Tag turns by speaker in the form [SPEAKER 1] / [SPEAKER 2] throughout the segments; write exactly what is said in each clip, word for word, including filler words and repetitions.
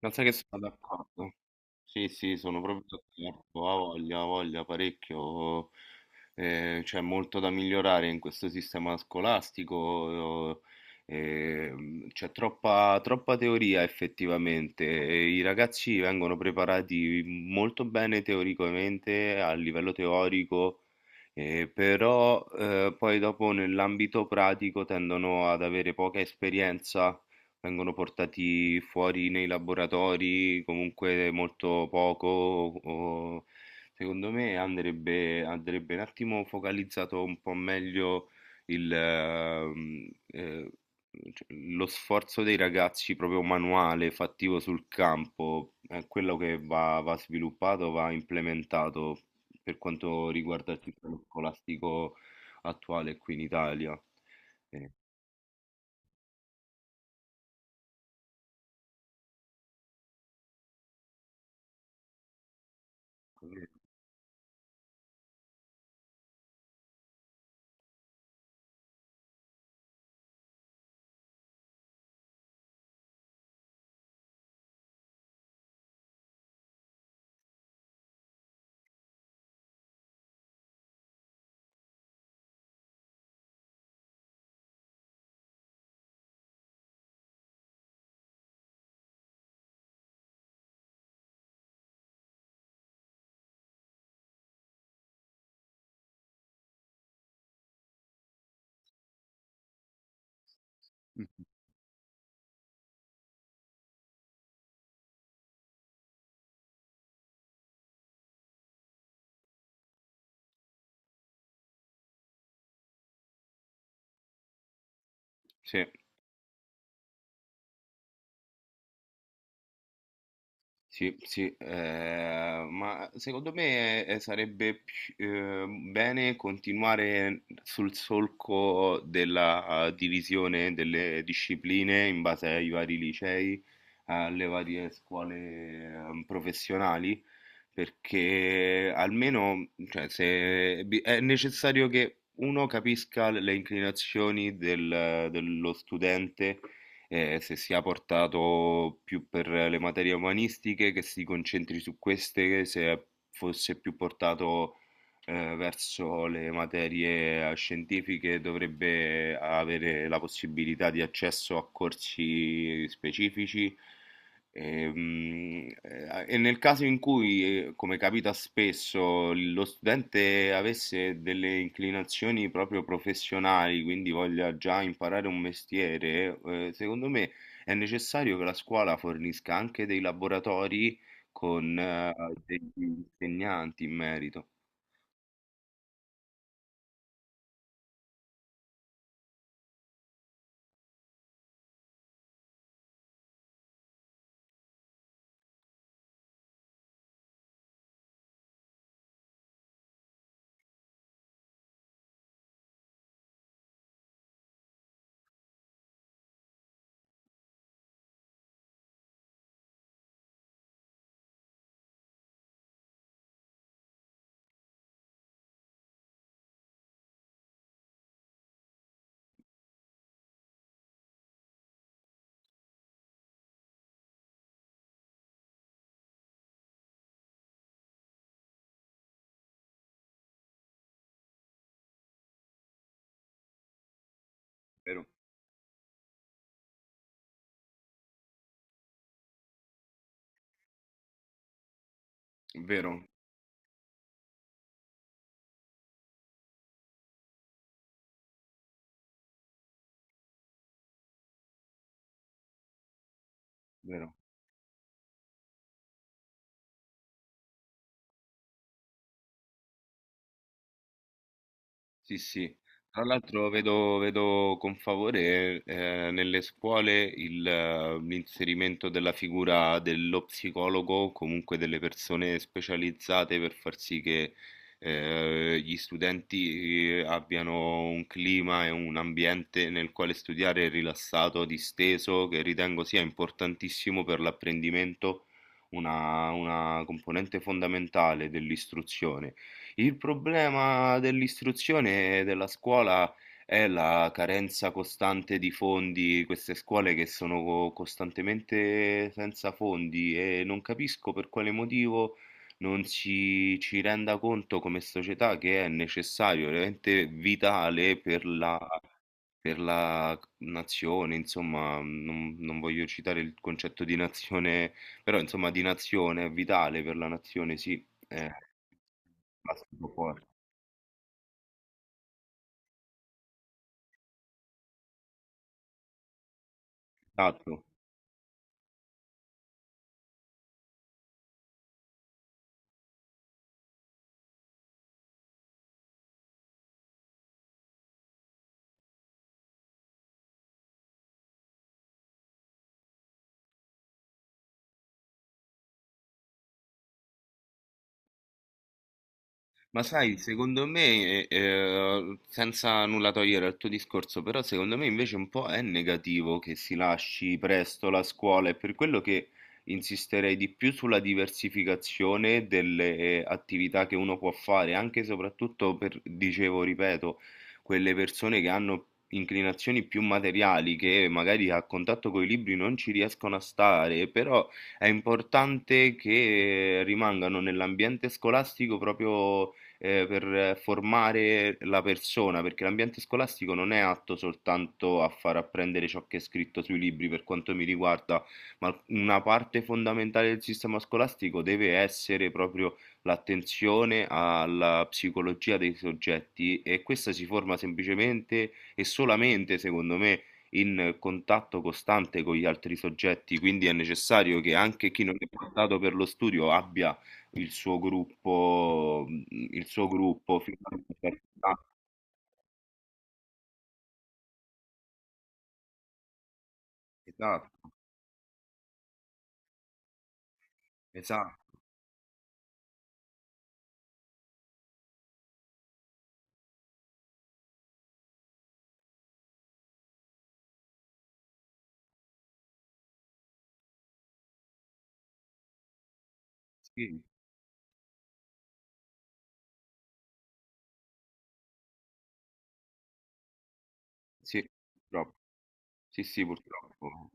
[SPEAKER 1] Ma sai che sono d'accordo? Sì, sì, sono proprio d'accordo. Ha voglia, ha voglia parecchio. Eh, c'è molto da migliorare in questo sistema scolastico. Eh, ehm, c'è troppa, troppa teoria effettivamente. E i ragazzi vengono preparati molto bene teoricamente, a livello teorico, eh, però eh, poi dopo nell'ambito pratico tendono ad avere poca esperienza, vengono portati fuori nei laboratori comunque molto poco. o- Secondo me andrebbe, andrebbe un attimo focalizzato un po' meglio il, ehm, eh, cioè, lo sforzo dei ragazzi proprio manuale, fattivo sul campo, è quello che va, va sviluppato, va implementato per quanto riguarda il sistema scolastico attuale qui in Italia. Eh, mm, sì. Sì, sì, eh, ma secondo me eh, sarebbe pi- eh, bene continuare sul solco della eh, divisione delle discipline in base ai vari licei, alle varie scuole eh, professionali, perché almeno, cioè, se bi- è necessario che uno capisca le inclinazioni del- dello studente, eh, se sia portato più per le materie umanistiche, che si concentri su queste, se fosse più portato eh, verso le materie scientifiche, dovrebbe avere la possibilità di accesso a corsi specifici. Ehm, eh, E, nel caso in cui, eh, come capita spesso, lo studente avesse delle inclinazioni proprio professionali, quindi voglia già imparare un mestiere, eh, secondo me è necessario che la scuola fornisca anche dei laboratori con, eh, degli insegnanti in merito. Vero, vero, vero. Sì, sì. Tra l'altro vedo, vedo con favore eh, nelle scuole il, eh, l'inserimento della figura dello psicologo, o comunque delle persone specializzate per far sì che eh, gli studenti eh, abbiano un clima e un ambiente nel quale studiare rilassato, disteso, che ritengo sia importantissimo per l'apprendimento, una una componente fondamentale dell'istruzione. Il problema dell'istruzione e della scuola è la carenza costante di fondi, queste scuole che sono co- costantemente senza fondi, e non capisco per quale motivo non si ci renda conto come società che è necessario, veramente vitale per la, per la nazione, insomma, non, non voglio citare il concetto di nazione, però insomma di nazione, è vitale per la nazione, sì. Eh, basta un po' forte. Esatto. Ma sai, secondo me, eh, eh, senza nulla togliere al tuo discorso, però secondo me invece un po' è negativo che si lasci presto la scuola, è per quello che insisterei di più sulla diversificazione delle eh, attività che uno può fare, anche e soprattutto per, dicevo, ripeto, quelle persone che hanno inclinazioni più materiali, che magari a contatto con i libri non ci riescono a stare, però è importante che eh, rimangano nell'ambiente scolastico proprio, eh, per formare la persona, perché l'ambiente scolastico non è atto soltanto a far apprendere ciò che è scritto sui libri per quanto mi riguarda, ma una parte fondamentale del sistema scolastico deve essere proprio l'attenzione alla psicologia dei soggetti, e questa si forma semplicemente e solamente, secondo me, in contatto costante con gli altri soggetti, quindi è necessario che anche chi non è portato per lo studio abbia il suo gruppo, mhmm, il suo gruppo fino a- Ah, esatto, esatto. Sì, sì, purtroppo. Sì, sì, purtroppo.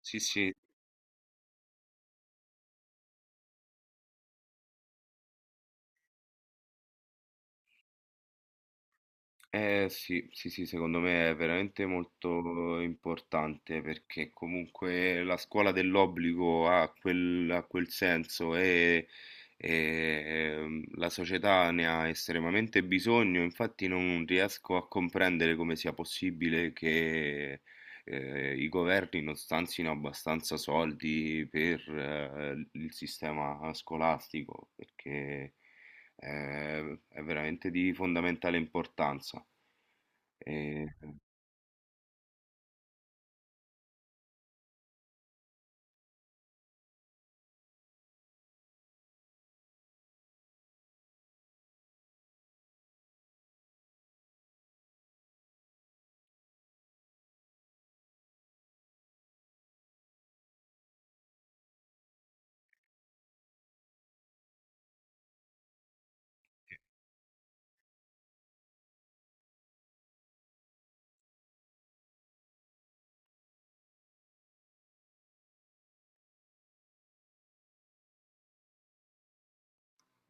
[SPEAKER 1] Sì, sì. Eh sì, sì, sì, secondo me è veramente molto importante perché comunque la scuola dell'obbligo ha quel, ha quel senso e, e, ehm, la società ne ha estremamente bisogno, infatti non riesco a comprendere come sia possibile che eh, i governi non stanzino abbastanza soldi per eh, il sistema scolastico, perché è, è veramente di fondamentale importanza. E-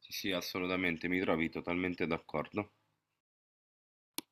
[SPEAKER 1] sì, sì, assolutamente, mi trovi totalmente d'accordo.